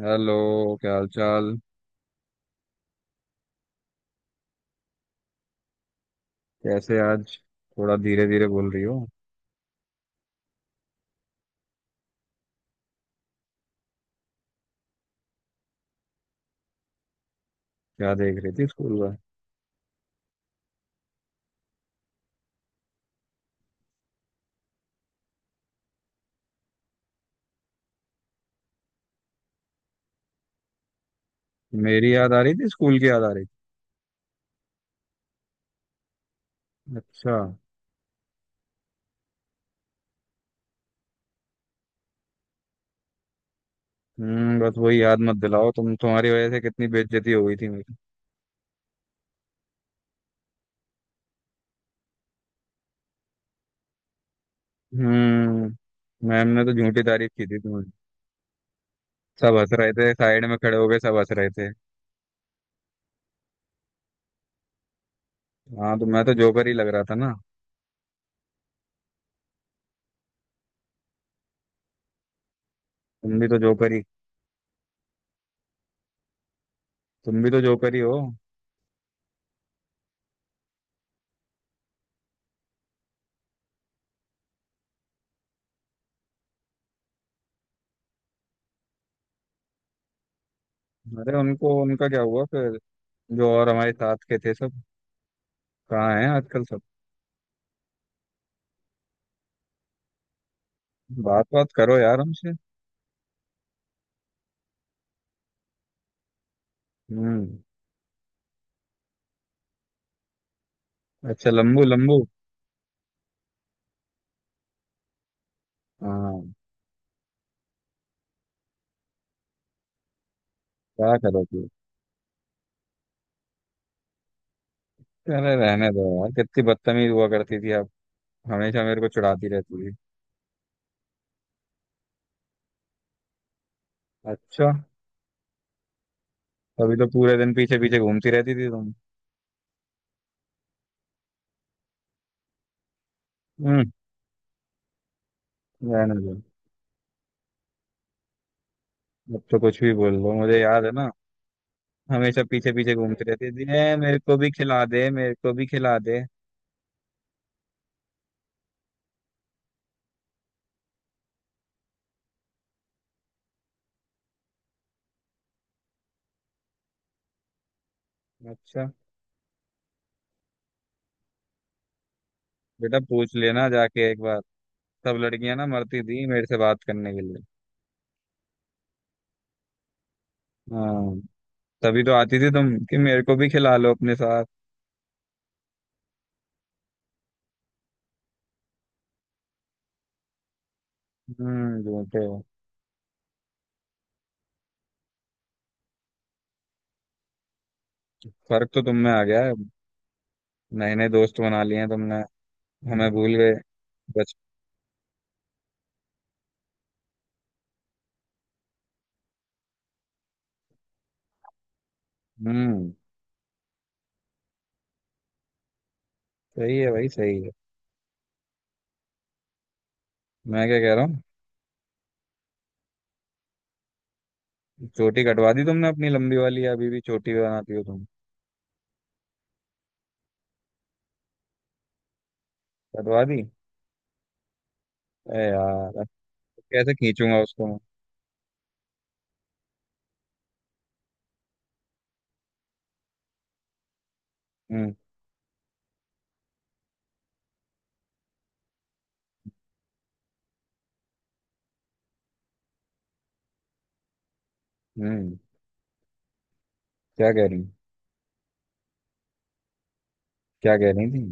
Hello. क्या हाल चाल? कैसे आज थोड़ा धीरे धीरे बोल रही हो? क्या देख रही थी स्कूल का? मेरी याद आ रही थी? स्कूल की याद आ रही थी? अच्छा। बस वही याद मत दिलाओ तुम। तुम्हारी वजह से कितनी बेइज्जती हो गई थी मेरी। हम्म मैम ने तो झूठी तारीफ की थी तुम्हारी। सब हंस रहे थे, साइड में खड़े हो गए, सब हंस रहे थे। हाँ तो मैं तो जोकर ही लग रहा था ना। तुम भी तो जोकर ही तुम भी तो जोकर ही हो। अरे, उनको उनका क्या हुआ फिर? जो और हमारे साथ के थे सब, कहाँ हैं आजकल सब? बात बात करो यार हमसे। हम्म। अच्छा। लंबू लंबू? हाँ। क्या करोगी? अरे रहने दो यार, कितनी बदतमीज हुआ करती थी आप। हमेशा मेरे को चिढ़ाती रहती थी। अच्छा, तभी तो पूरे दिन पीछे पीछे घूमती रहती थी तुम। हम्म रहने दो, अब तो कुछ भी बोल लो, मुझे याद है ना। हमेशा पीछे पीछे घूमती रहती थी, ए, मेरे को भी खिला दे, मेरे को भी खिला दे। अच्छा, बेटा पूछ लेना जाके एक बार। सब लड़कियां ना मरती थी मेरे से बात करने के लिए। हाँ, तभी तो आती थी तुम कि मेरे को भी खिला लो अपने साथ। झूठे हो। फर्क तो तुम में आ गया है। नए नए दोस्त बना लिए हैं तुमने। हमें भूल गए। बच। हम्म सही है भाई, सही है। मैं क्या कह रहा हूँ, चोटी कटवा दी तुमने अपनी लंबी वाली, या अभी भी चोटी बनाती हो तुम? कटवा दी? अरे यार, अब तो कैसे खींचूंगा उसको मैं? हम्म। हम्म। क्या कह रही क्या कह रही थी?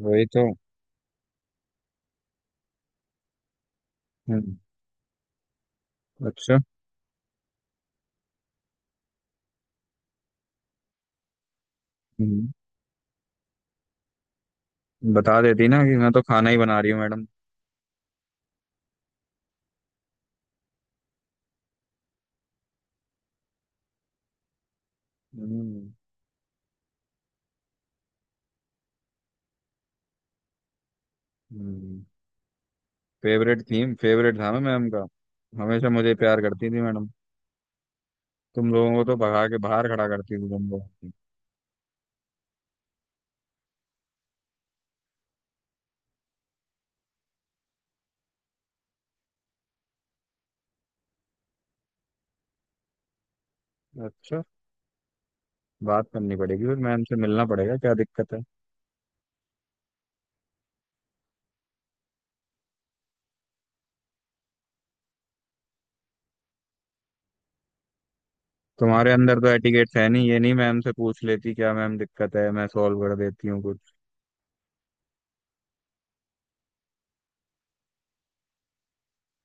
वही तो। हम्म। अच्छा। हम्म बता देती ना कि मैं तो खाना ही बना रही हूँ मैडम। हम्म। हम्म। फेवरेट था मैं मैम का। हमेशा मुझे प्यार करती थी मैडम। तुम लोगों को तो भगा के बाहर खड़ा करती थी तुम लोग। अच्छा, बात करनी पड़ेगी फिर मैम से, मिलना पड़ेगा, क्या दिक्कत है। तुम्हारे अंदर तो एटिकेट्स है नहीं, ये नहीं मैम से पूछ लेती क्या मैम दिक्कत है, मैं सॉल्व कर देती हूँ कुछ।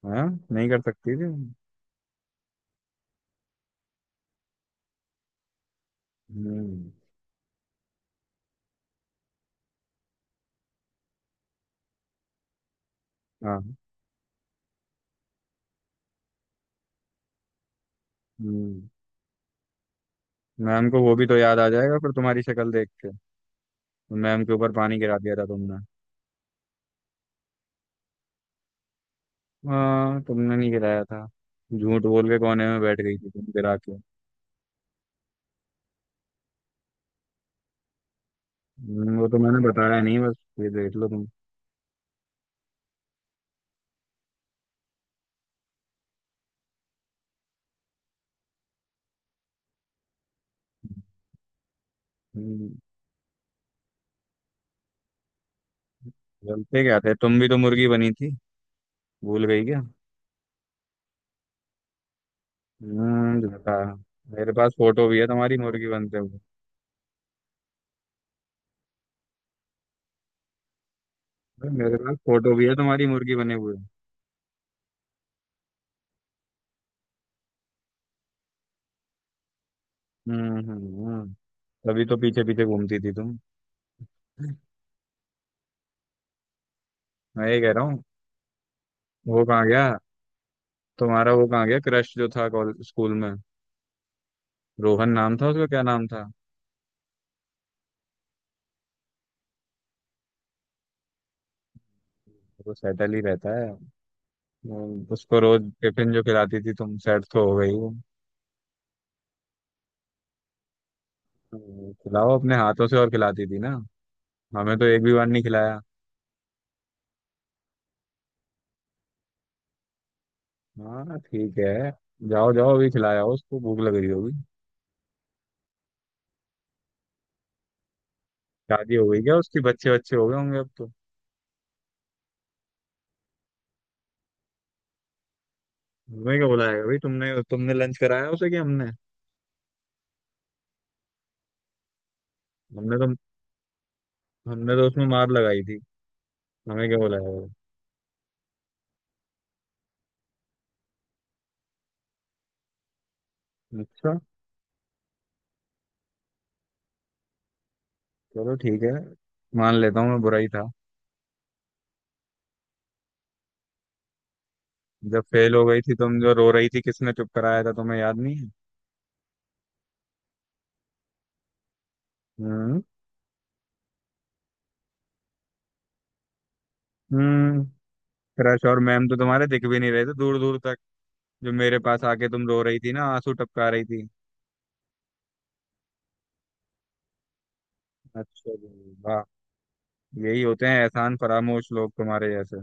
हाँ, नहीं कर सकती थी। हम्म। हाँ। हम्म। मैम को वो भी तो याद आ जाएगा फिर तुम्हारी शक्ल देख के। मैम के ऊपर पानी गिरा दिया था तुमने। हाँ, तुमने नहीं गिराया था। झूठ बोल के कोने में बैठ गई थी तुम गिरा के। वो तो मैंने बताया नहीं, बस ये देख लो तुम। हम्म, बोलते क्या थे, तुम भी तो मुर्गी बनी थी, भूल गई क्या? बता, मेरे पास फोटो भी है तुम्हारी मुर्गी बनते हुए। अरे, मेरे पास फोटो भी है तुम्हारी मुर्गी बने हुए। हम्म। हम्म। हम्म। तभी तो पीछे पीछे घूमती थी तुम। मैं ये कह रहा हूँ, वो कहाँ गया? तुम्हारा वो कहाँ गया, क्रश जो था स्कूल में? रोहन नाम था उसका, क्या नाम था? वो सेटल ही रहता है। उसको रोज टिफिन जो खिलाती थी तुम, सेट तो हो गई वो। खिलाओ अपने हाथों से, और खिलाती थी ना, हमें तो एक भी बार नहीं खिलाया। हाँ ठीक है, जाओ जाओ, अभी खिलाया उसको, भूख लग रही होगी। शादी हो गई क्या उसकी? बच्चे बच्चे हो गए होंगे अब तो। तुम्हें क्या बुलाएगा भाई, तुमने तुमने लंच कराया उसे कि हमने? हमने तो हमने तो उसमें मार लगाई थी। हमें क्या बुलाया वो? अच्छा, चलो ठीक है, मान लेता हूँ मैं बुरा ही था। जब फेल हो गई थी तुम, जो रो रही थी, किसने चुप कराया था तुम्हें, याद नहीं है? हम्म। हम्म क्रश और मैम तो तुम्हारे दिख भी नहीं रहे थे दूर दूर तक। जो मेरे पास आके तुम रो रही थी ना, आंसू टपका रही थी। अच्छा जी, वाह। यही होते हैं एहसान फरामोश लोग तुम्हारे जैसे।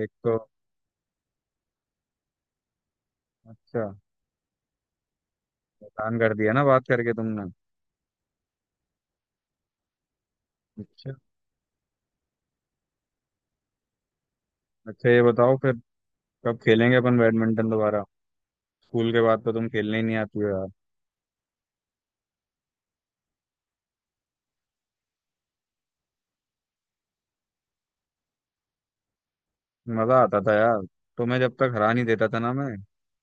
एक तो, अच्छा, एहसान कर दिया ना बात करके तुमने। अच्छा। अच्छा, ये बताओ फिर, कब खेलेंगे अपन बैडमिंटन दोबारा? स्कूल के बाद तो तुम खेलने ही नहीं आती हो यार। मजा आता था यार, तुम्हें जब तक हरा नहीं देता था ना मैं।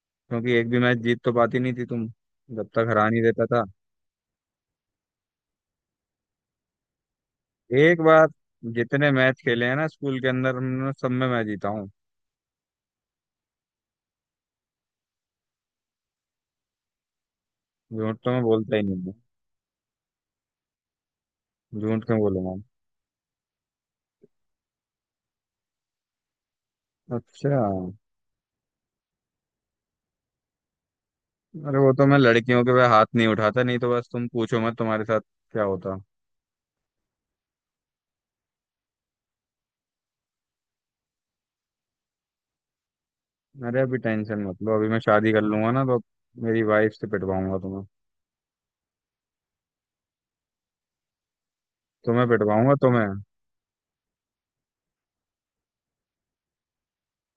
क्योंकि एक भी मैच जीत तो पाती नहीं थी तुम। जब तक हरा नहीं देता था। एक बार? जितने मैच खेले हैं ना स्कूल के अंदर हमने, सब में मैं जीता हूँ। झूठ तो मैं बोलता ही नहीं हूँ, झूठ क्यों बोलूंगा? अच्छा। अरे वो तो मैं लड़कियों के, वह हाथ नहीं उठाता, नहीं तो बस तुम पूछो मत तुम्हारे साथ क्या होता। अरे अभी टेंशन मत लो, अभी मैं शादी कर लूंगा ना तो मेरी वाइफ से पिटवाऊंगा तुम्हें। तुम्हें पिटवाऊंगा तुम्हें।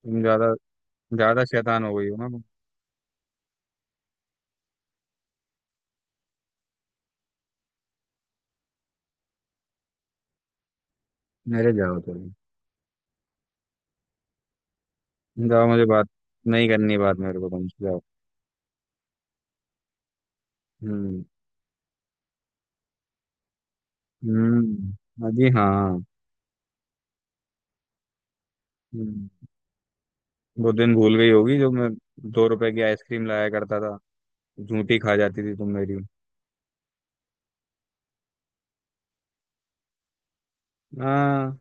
तुम ज्यादा ज्यादा शैतान हो गई हो ना तुम। मेरे जाओ तुम। जाओ, मुझे बात नहीं करनी, बात मेरे को तुमसे, जाओ। हम्म। हम्म। हाँ जी। हाँ। हम्म, वो दिन भूल गई होगी, जो मैं 2 रुपए की आइसक्रीम लाया करता था, झूठी खा जाती थी तुम मेरी। हाँ,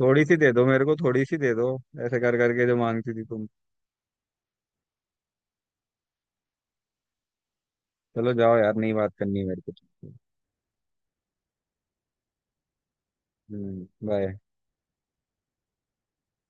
थोड़ी सी दे दो मेरे को, थोड़ी सी दे दो, ऐसे कर करके जो मांगती थी तुम। चलो जाओ यार, नहीं बात करनी मेरे को। बाय।